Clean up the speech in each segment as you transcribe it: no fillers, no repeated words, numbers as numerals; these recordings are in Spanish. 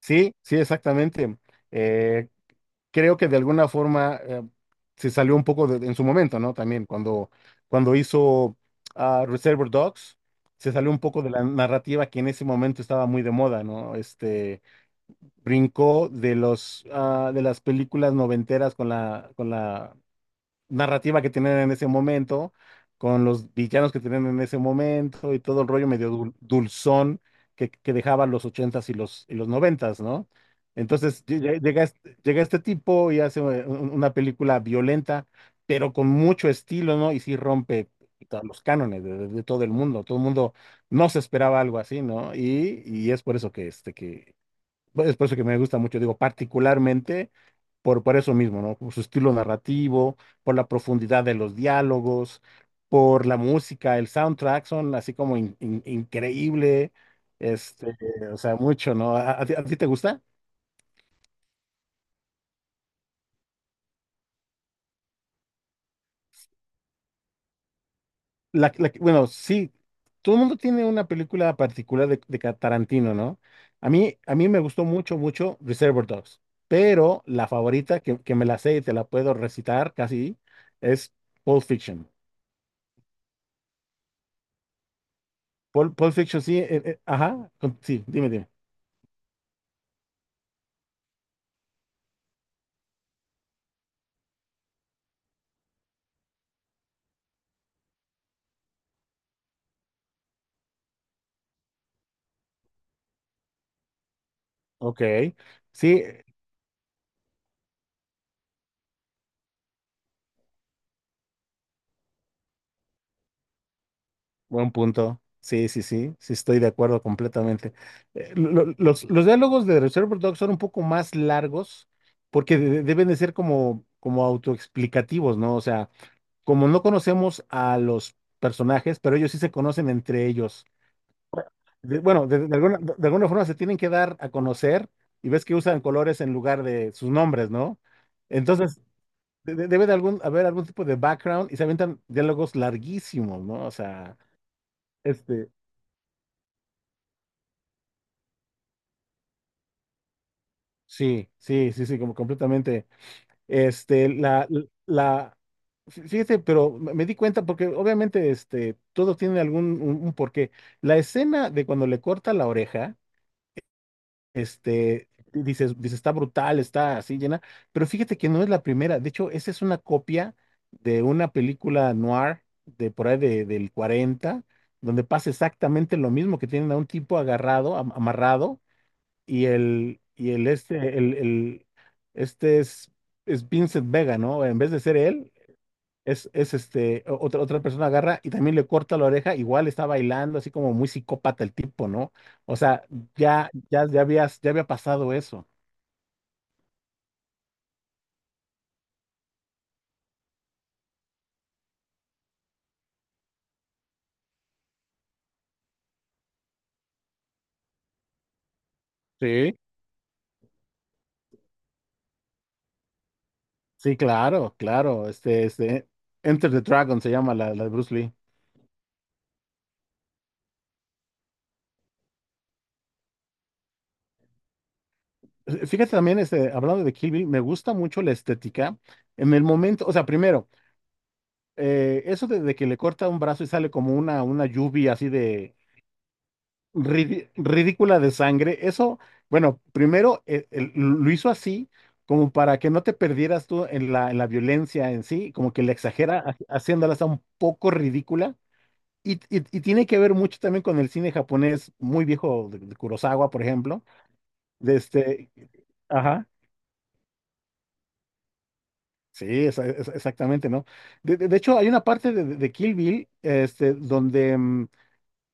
Sí, sí, exactamente. Eh, Creo que de alguna forma se salió un poco en su momento, ¿no? También cuando hizo Reservoir Dogs, se salió un poco de la narrativa que en ese momento estaba muy de moda, ¿no? Brincó de de las películas noventeras con la narrativa que tienen en ese momento, con los villanos que tienen en ese momento y todo el rollo medio dulzón que dejaban los ochentas y los noventas, ¿no? Entonces llega llega este tipo y hace una película violenta, pero con mucho estilo, ¿no? Y sí rompe puta, los cánones de todo el mundo. Todo el mundo no se esperaba algo así, ¿no? Y es por eso que pues, es por eso que me gusta mucho, digo, particularmente por eso mismo, ¿no? Por su estilo narrativo, por la profundidad de los diálogos, por la música, el soundtrack son así como increíble, este, o sea, mucho, ¿no? ¿A ti te gusta? Bueno, sí, todo el mundo tiene una película particular de Tarantino, ¿no? A mí me gustó mucho, mucho Reservoir Dogs, pero la favorita que me la sé y te la puedo recitar casi es Pulp Fiction. Pulp Fiction, sí, ajá, sí, dime. Ok, sí, buen punto. Sí, estoy de acuerdo completamente. Los diálogos de Reservoir Dogs son un poco más largos porque deben de ser como autoexplicativos, ¿no? O sea, como no conocemos a los personajes, pero ellos sí se conocen entre ellos. De alguna forma se tienen que dar a conocer y ves que usan colores en lugar de sus nombres, ¿no? Entonces, debe de algún, haber algún tipo de background y se avientan diálogos larguísimos, ¿no? O sea, este, sí, sí, sí, sí, como completamente. Este, la, fíjate, pero me di cuenta porque obviamente, este, todo tiene algún, un porqué. La escena de cuando le corta la oreja. Este, y dices, está brutal, está así llena, pero fíjate que no es la primera. De hecho, esa es una copia de una película noir de por ahí del 40 donde pasa exactamente lo mismo, que tienen a un tipo agarrado, amarrado, y el- este es Vincent Vega, ¿no? En vez de ser él, es este, o- otra, otra persona agarra y también le corta la oreja, igual está bailando, así como muy psicópata el tipo, ¿no? O sea, ya había pasado eso. Sí. Sí, claro, claro. Enter the Dragon se llama la de Bruce Lee. Fíjate también, este, hablando de Kill Bill, me gusta mucho la estética. En el momento, o sea, primero, eso de que le corta un brazo y sale como una lluvia así de ridícula de sangre. Eso, bueno, primero lo hizo así como para que no te perdieras tú en en la violencia en sí, como que la exagera haciéndola hasta un poco ridícula. Y tiene que ver mucho también con el cine japonés muy viejo de Kurosawa, por ejemplo. De este, ajá, sí, exactamente, ¿no? De hecho, hay una parte de Kill Bill este, donde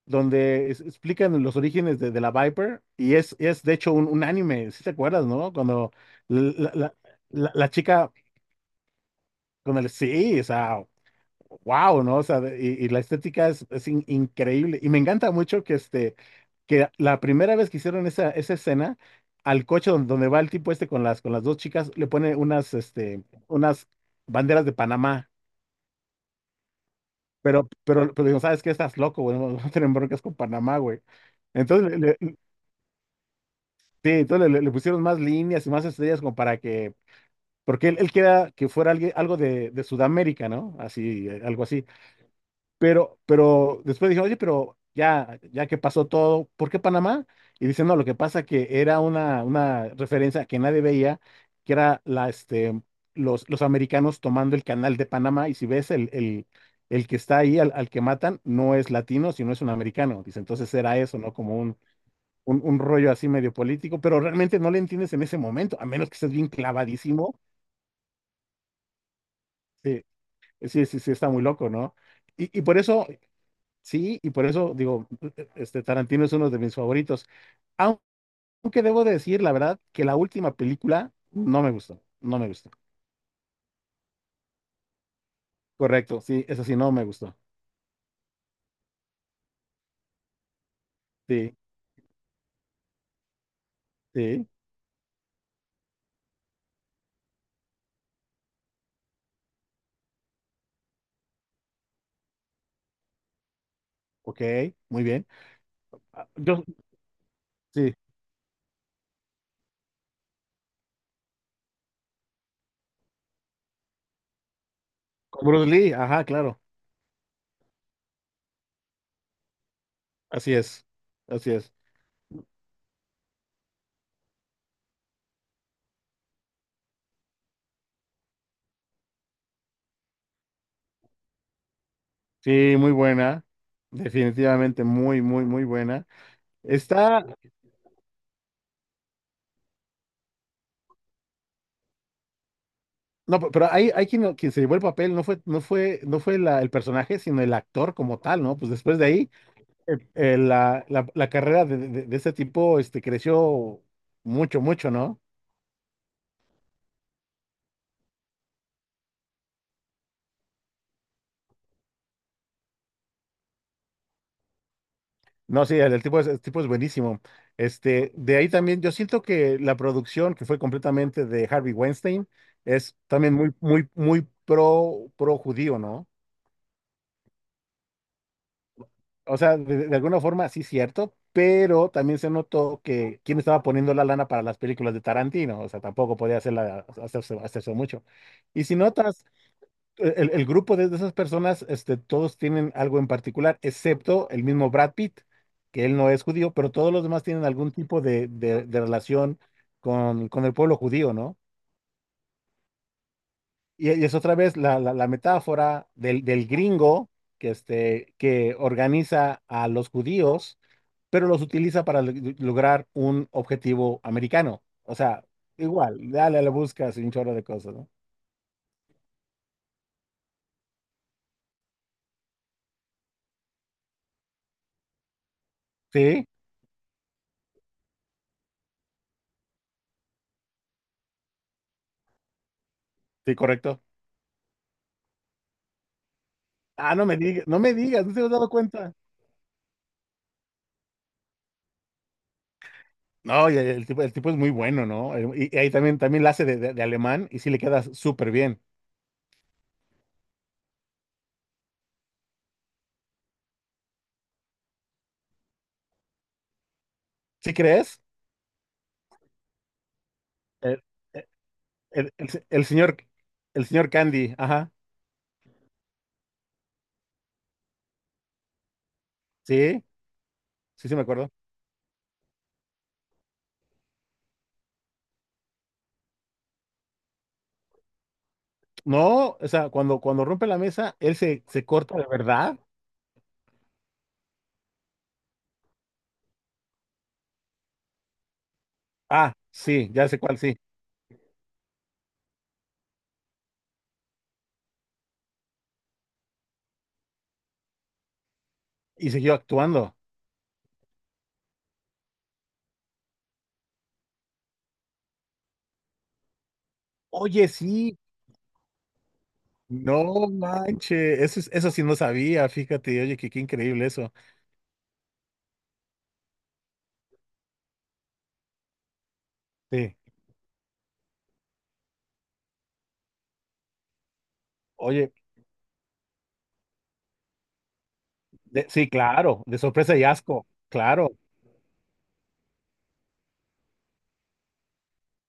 donde explican los orígenes de la Viper y es de hecho un anime, si te acuerdas, ¿no? Cuando la, la- la chica con el sí, o sea, wow, ¿no? O sea, de- y la estética es increíble y me encanta mucho que este, que la primera vez que hicieron esa escena, al coche donde va el tipo este con con las dos chicas, le pone unas, este, unas banderas de Panamá. Pero digo, ¿sabes qué? Estás loco, güey. No, no tienen broncas con Panamá, güey. Entonces, sí, entonces le pusieron más líneas y más estrellas como para que, porque él quería que fuera alguien, algo de Sudamérica, ¿no? Así, algo así. Pero después dije, oye, pero ya que pasó todo, ¿por qué Panamá? Y dice, no, lo que pasa que era una referencia que nadie veía, que era la, este, los americanos tomando el canal de Panamá, y si ves el que está ahí, al que matan, no es latino, sino es un americano. Dice, entonces era eso, ¿no? Como un rollo así medio político, pero realmente no le entiendes en ese momento, a menos que estés bien clavadísimo. Sí, sí, sí, sí, está muy loco, ¿no? Y, y por eso, sí, y por eso digo, este Tarantino es uno de mis favoritos. Aunque debo decir, la verdad, que la última película no me gustó, no me gustó. Correcto, sí, eso sí, no me gustó. Sí, sí, ok, muy bien. Ah, yo, sí, con Bruce Lee, ajá, claro, así es, así es. Sí, muy buena, definitivamente muy, muy, muy buena. Está, no, pe- pero hay quien se llevó el papel, no fue el personaje, sino el actor como tal, ¿no? Pues después de ahí, la carrera de este tipo, este, creció mucho, mucho, ¿no? No, sí, el tipo es buenísimo. Este, de ahí también, yo siento que la producción, que fue completamente de Harvey Weinstein, es también muy, muy, muy pro judío, ¿no? O sea, de alguna forma sí cierto, pero también se notó que quién estaba poniendo la lana para las películas de Tarantino, o sea, tampoco podía hacerse mucho. Y si notas, el grupo de esas personas, este, todos tienen algo en particular, excepto el mismo Brad Pitt, que él no es judío, pero todos los demás tienen algún tipo de relación con el pueblo judío, ¿no? Y es otra vez la metáfora del gringo que, este, que organiza a los judíos, pero los utiliza para lograr un objetivo americano. O sea, igual, dale a la busca un chorro de cosas, ¿no? Sí, sí, correcto. Ah, no me digas, no me digas, no te has dado cuenta. No, y el tipo es muy bueno, ¿no? Y ahí también, también la hace de alemán y sí le queda súper bien. ¿Sí crees? El, el señor, el señor Candy, ajá, sí, sí, sí me acuerdo. No, o sea, cuando rompe la mesa, se corta de verdad. Ah, sí, ya sé cuál, sí. Y siguió actuando. Oye, sí, no manches. Eso, eso sí no sabía, fíjate. Oye, qué increíble eso. Sí, oye, de- sí, claro, de sorpresa y asco, claro.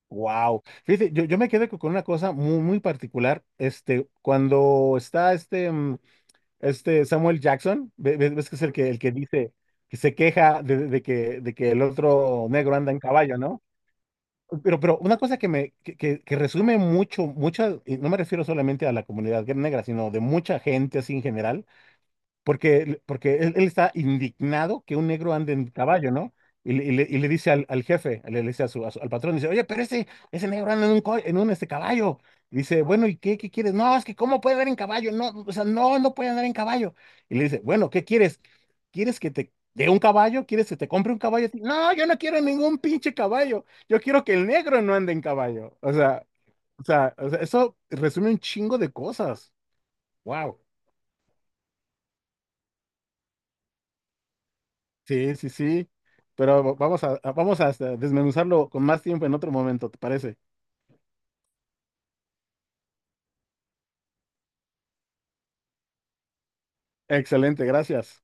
Wow. Fíjate, yo me quedé con una cosa muy, muy particular. Este, cuando está este, mm, este Samuel Jackson, ves que es el que dice, que se queja de que el otro negro anda en caballo, ¿no? Pero una cosa que que resume mucho, mucha, y no me refiero solamente a la comunidad negra, sino de mucha gente así en general, porque él está indignado que un negro ande en caballo, ¿no? Y le dice al jefe, le dice al patrón, dice, oye, pero ese negro anda en en un este caballo. Y dice, bueno, ¿y qué quieres? No, es que ¿cómo puede andar en caballo? No, o sea, no, no puede andar en caballo. Y le dice, bueno, ¿qué quieres? ¿Quieres que te dé un caballo? ¿Quieres que te compre un caballo a ti?". No, yo no quiero ningún pinche caballo. Yo quiero que el negro no ande en caballo. O sea, eso resume un chingo de cosas. Wow. Sí, sí, sí. Pero vamos a este, desmenuzarlo con más tiempo en otro momento, ¿te parece? Excelente, gracias.